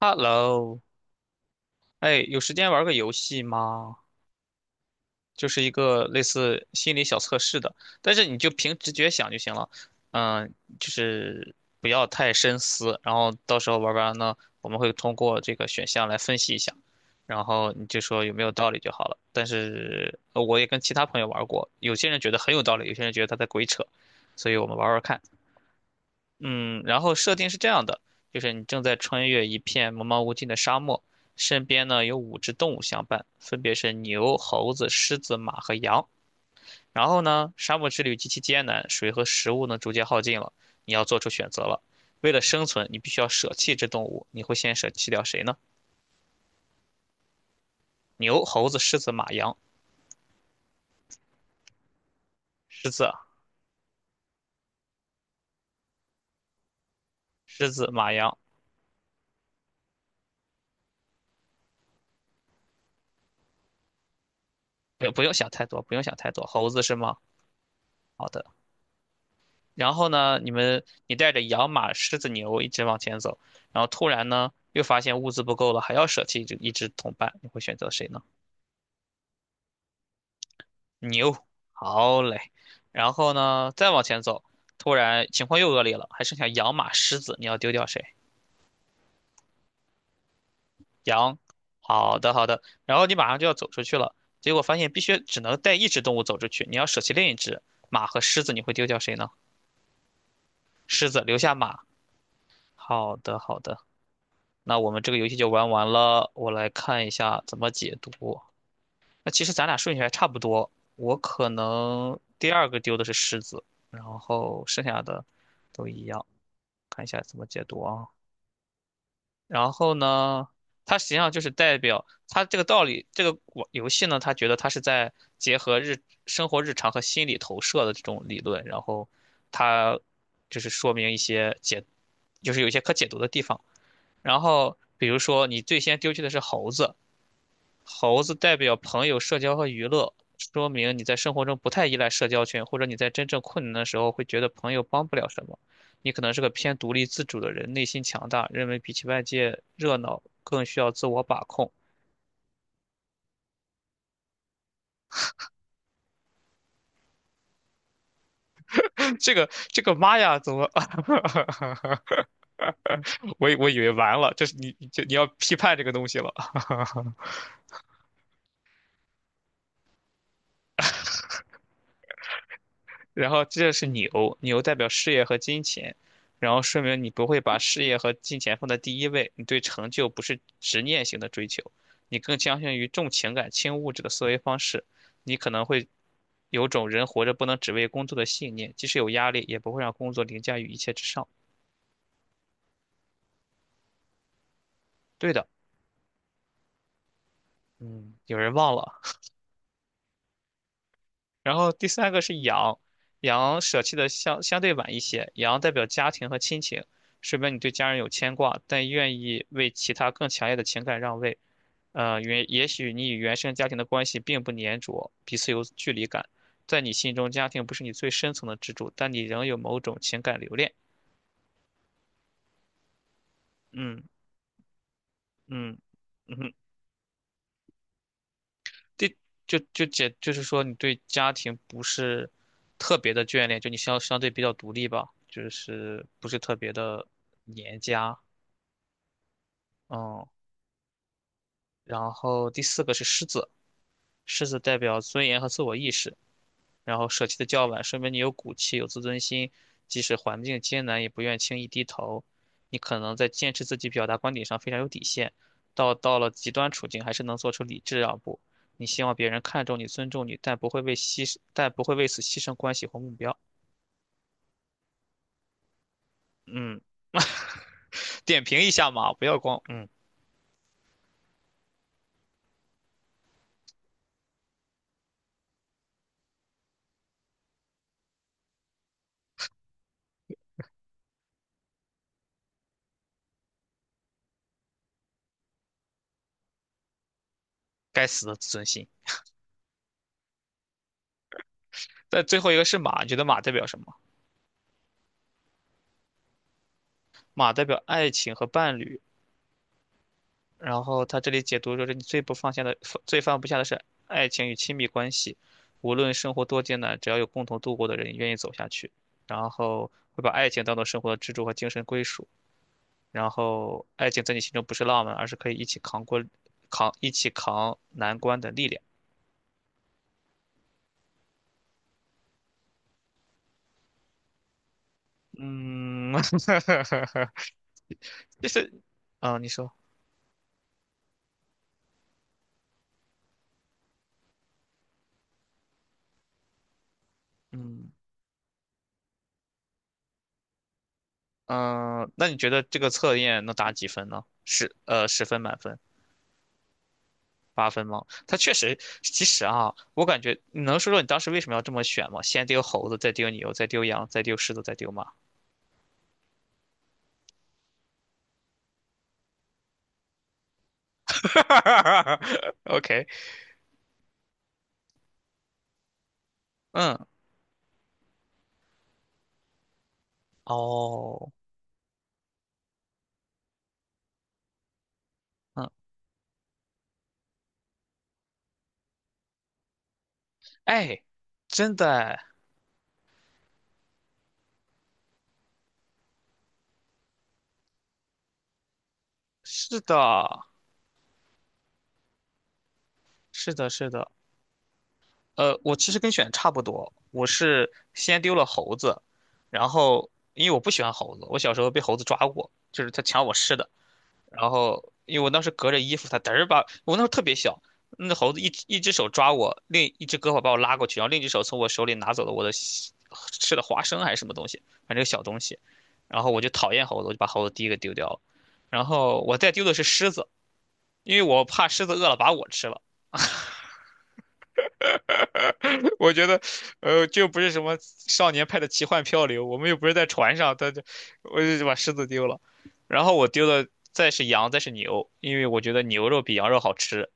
Hello,哎，有时间玩个游戏吗？就是一个类似心理小测试的，但是你就凭直觉想就行了，嗯，就是不要太深思，然后到时候玩完呢，我们会通过这个选项来分析一下，然后你就说有没有道理就好了。但是我也跟其他朋友玩过，有些人觉得很有道理，有些人觉得他在鬼扯，所以我们玩玩看。嗯，然后设定是这样的，就是你正在穿越一片茫茫无尽的沙漠，身边呢有五只动物相伴，分别是牛、猴子、狮子、马和羊。然后呢，沙漠之旅极其艰难，水和食物呢逐渐耗尽了，你要做出选择了。为了生存，你必须要舍弃这动物，你会先舍弃掉谁呢？牛、猴子、狮子、马、羊。狮子啊，狮子，马、羊。不，不用想太多，不用想太多。猴子是吗？好的。然后呢，你带着羊、马、狮子、牛一直往前走，然后突然呢，又发现物资不够了，还要舍弃一只同伴，你会选择谁呢？牛，好嘞。然后呢，再往前走，突然情况又恶劣了，还剩下羊、马、狮子，你要丢掉谁？羊，好的好的。然后你马上就要走出去了，结果发现必须只能带一只动物走出去，你要舍弃另一只马和狮子，你会丢掉谁呢？狮子留下马，好的好的。那我们这个游戏就玩完了，我来看一下怎么解读。那其实咱俩顺序还差不多，我可能第二个丢的是狮子，然后剩下的都一样。看一下怎么解读啊。然后呢，它实际上就是代表它这个道理，这个玩游戏呢，他觉得它是在结合日生活日常和心理投射的这种理论，然后它就是说明一些解，就是有一些可解读的地方。然后比如说你最先丢弃的是猴子，猴子代表朋友、社交和娱乐，说明你在生活中不太依赖社交圈，或者你在真正困难的时候会觉得朋友帮不了什么。你可能是个偏独立自主的人，内心强大，认为比起外界热闹更需要自我把控。这个这个妈呀，怎么？我以为完了，这是你这你要批判这个东西了。然后这是牛，牛代表事业和金钱，然后说明你不会把事业和金钱放在第一位，你对成就不是执念型的追求，你更倾向于重情感轻物质的思维方式，你可能会有种人活着不能只为工作的信念，即使有压力，也不会让工作凌驾于一切之上。对的，嗯，有人忘了。然后第三个是阳，阳舍弃的相对晚一些，阳代表家庭和亲情，说明你对家人有牵挂，但愿意为其他更强烈的情感让位。也许你与原生家庭的关系并不粘着，彼此有距离感，在你心中家庭不是你最深层的支柱，但你仍有某种情感留恋。嗯嗯嗯，第就解，就是说你对家庭不是特别的眷恋，就你相对比较独立吧，就是不是特别的黏家。嗯，然后第四个是狮子，狮子代表尊严和自我意识，然后舍弃的较晚，说明你有骨气、有自尊心，即使环境艰难，也不愿轻易低头。你可能在坚持自己表达观点上非常有底线，到了极端处境，还是能做出理智让步。你希望别人看重你、尊重你，但不会为此牺牲关系或目标。嗯，点评一下马，不要光嗯，该死的自尊心。在最后一个是马，你觉得马代表什么？马代表爱情和伴侣。然后他这里解读说是你最不放下的、最放不下的是爱情与亲密关系，无论生活多艰难，只要有共同度过的人愿意走下去，然后会把爱情当做生活的支柱和精神归属，然后爱情在你心中不是浪漫，而是可以一起扛过、一起扛难关的力量。嗯，就是，啊，你说，嗯嗯，那你觉得这个测验能打几分呢？十分满分。八分吗？他确实，其实啊，我感觉你能说说你当时为什么要这么选吗？先丢猴子，再丢牛，再丢羊，再丢狮子，再丢马。OK，嗯，哦，嗯，哎，真的，是的，是的，是的。我其实跟选差不多，我是先丢了猴子，然后因为我不喜欢猴子，我小时候被猴子抓过，就是它抢我吃的。然后因为我当时隔着衣服，它嘚儿把我那时候特别小，那猴子一只手抓我，另一只胳膊把我拉过去，然后另一只手从我手里拿走了我的西吃的花生还是什么东西，反正一个小东西。然后我就讨厌猴子，我就把猴子第一个丢掉了。然后我再丢的是狮子，因为我怕狮子饿了把我吃了。我觉得，就不是什么少年派的奇幻漂流，我们又不是在船上，我就把狮子丢了。然后我丢的再是羊，再是牛，因为我觉得牛肉比羊肉好吃。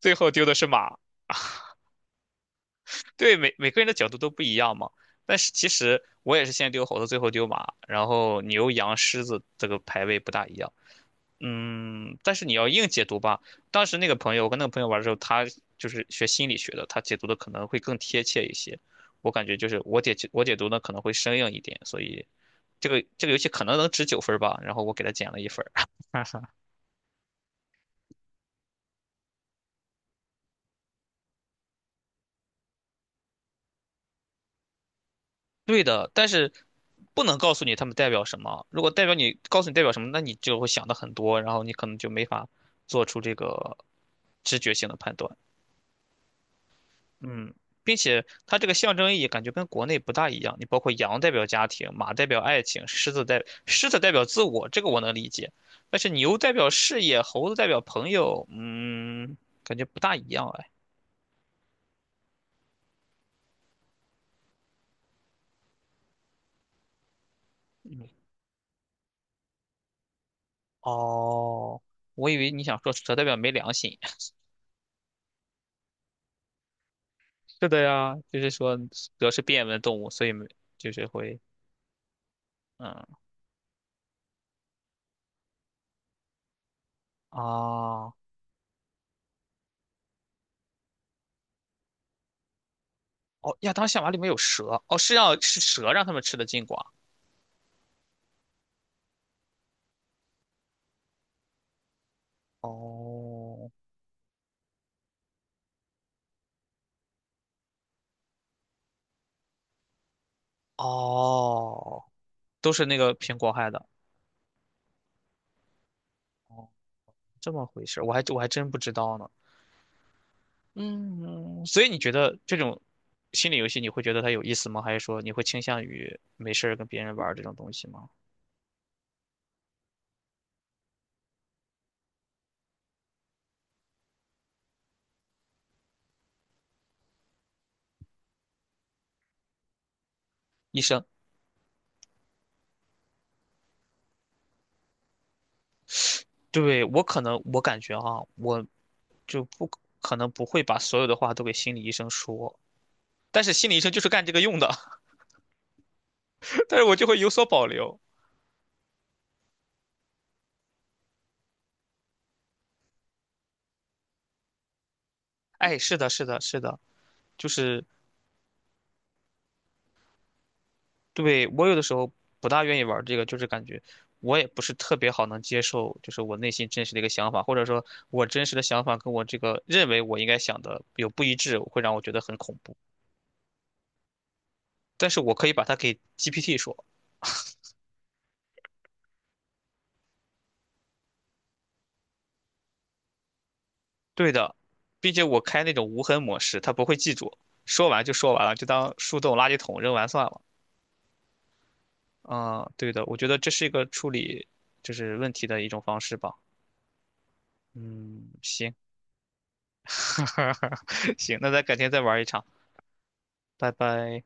最后丢的是马。对，每个人的角度都不一样嘛。但是其实我也是先丢猴子，最后丢马，然后牛、羊、狮子这个排位不大一样。嗯，但是你要硬解读吧，当时那个朋友，我跟那个朋友玩的时候，他就是学心理学的，他解读的可能会更贴切一些。我感觉就是我解读呢可能会生硬一点，所以这个这个游戏可能能值九分吧，然后我给他减了一分儿。对的，但是不能告诉你他们代表什么。如果你告诉你代表什么，那你就会想的很多，然后你可能就没法做出这个直觉性的判断。嗯，并且它这个象征意义感觉跟国内不大一样。你包括羊代表家庭，马代表爱情，狮子代表自我，这个我能理解。但是牛代表事业，猴子代表朋友，嗯，感觉不大一样哎。哦，我以为你想说蛇代表没良心。是的呀，就是说蛇是变温动物，所以没就是会，嗯，啊，哦，亚当夏娃里面有蛇，哦，是蛇让他们吃的禁果，哦，哦，都是那个苹果害的，哦，这么回事我还真不知道呢，嗯，所以你觉得这种心理游戏你会觉得它有意思吗？还是说你会倾向于没事儿跟别人玩儿这种东西吗？医生，对，我可能我感觉哈，我就不可能不会把所有的话都给心理医生说，但是心理医生就是干这个用的，但是我就会有所保留。哎，是的，是的，是的，就是对我有的时候不大愿意玩这个，就是感觉我也不是特别好能接受，就是我内心真实的一个想法，或者说我真实的想法跟我这个认为我应该想的有不一致，会让我觉得很恐怖。但是我可以把它给 GPT 说，对的，并且我开那种无痕模式，它不会记住，说完就说完了，就当树洞垃圾桶扔完算了。啊，对的，我觉得这是一个处理就是问题的一种方式吧。嗯，行，行，那咱改天再玩一场，拜拜。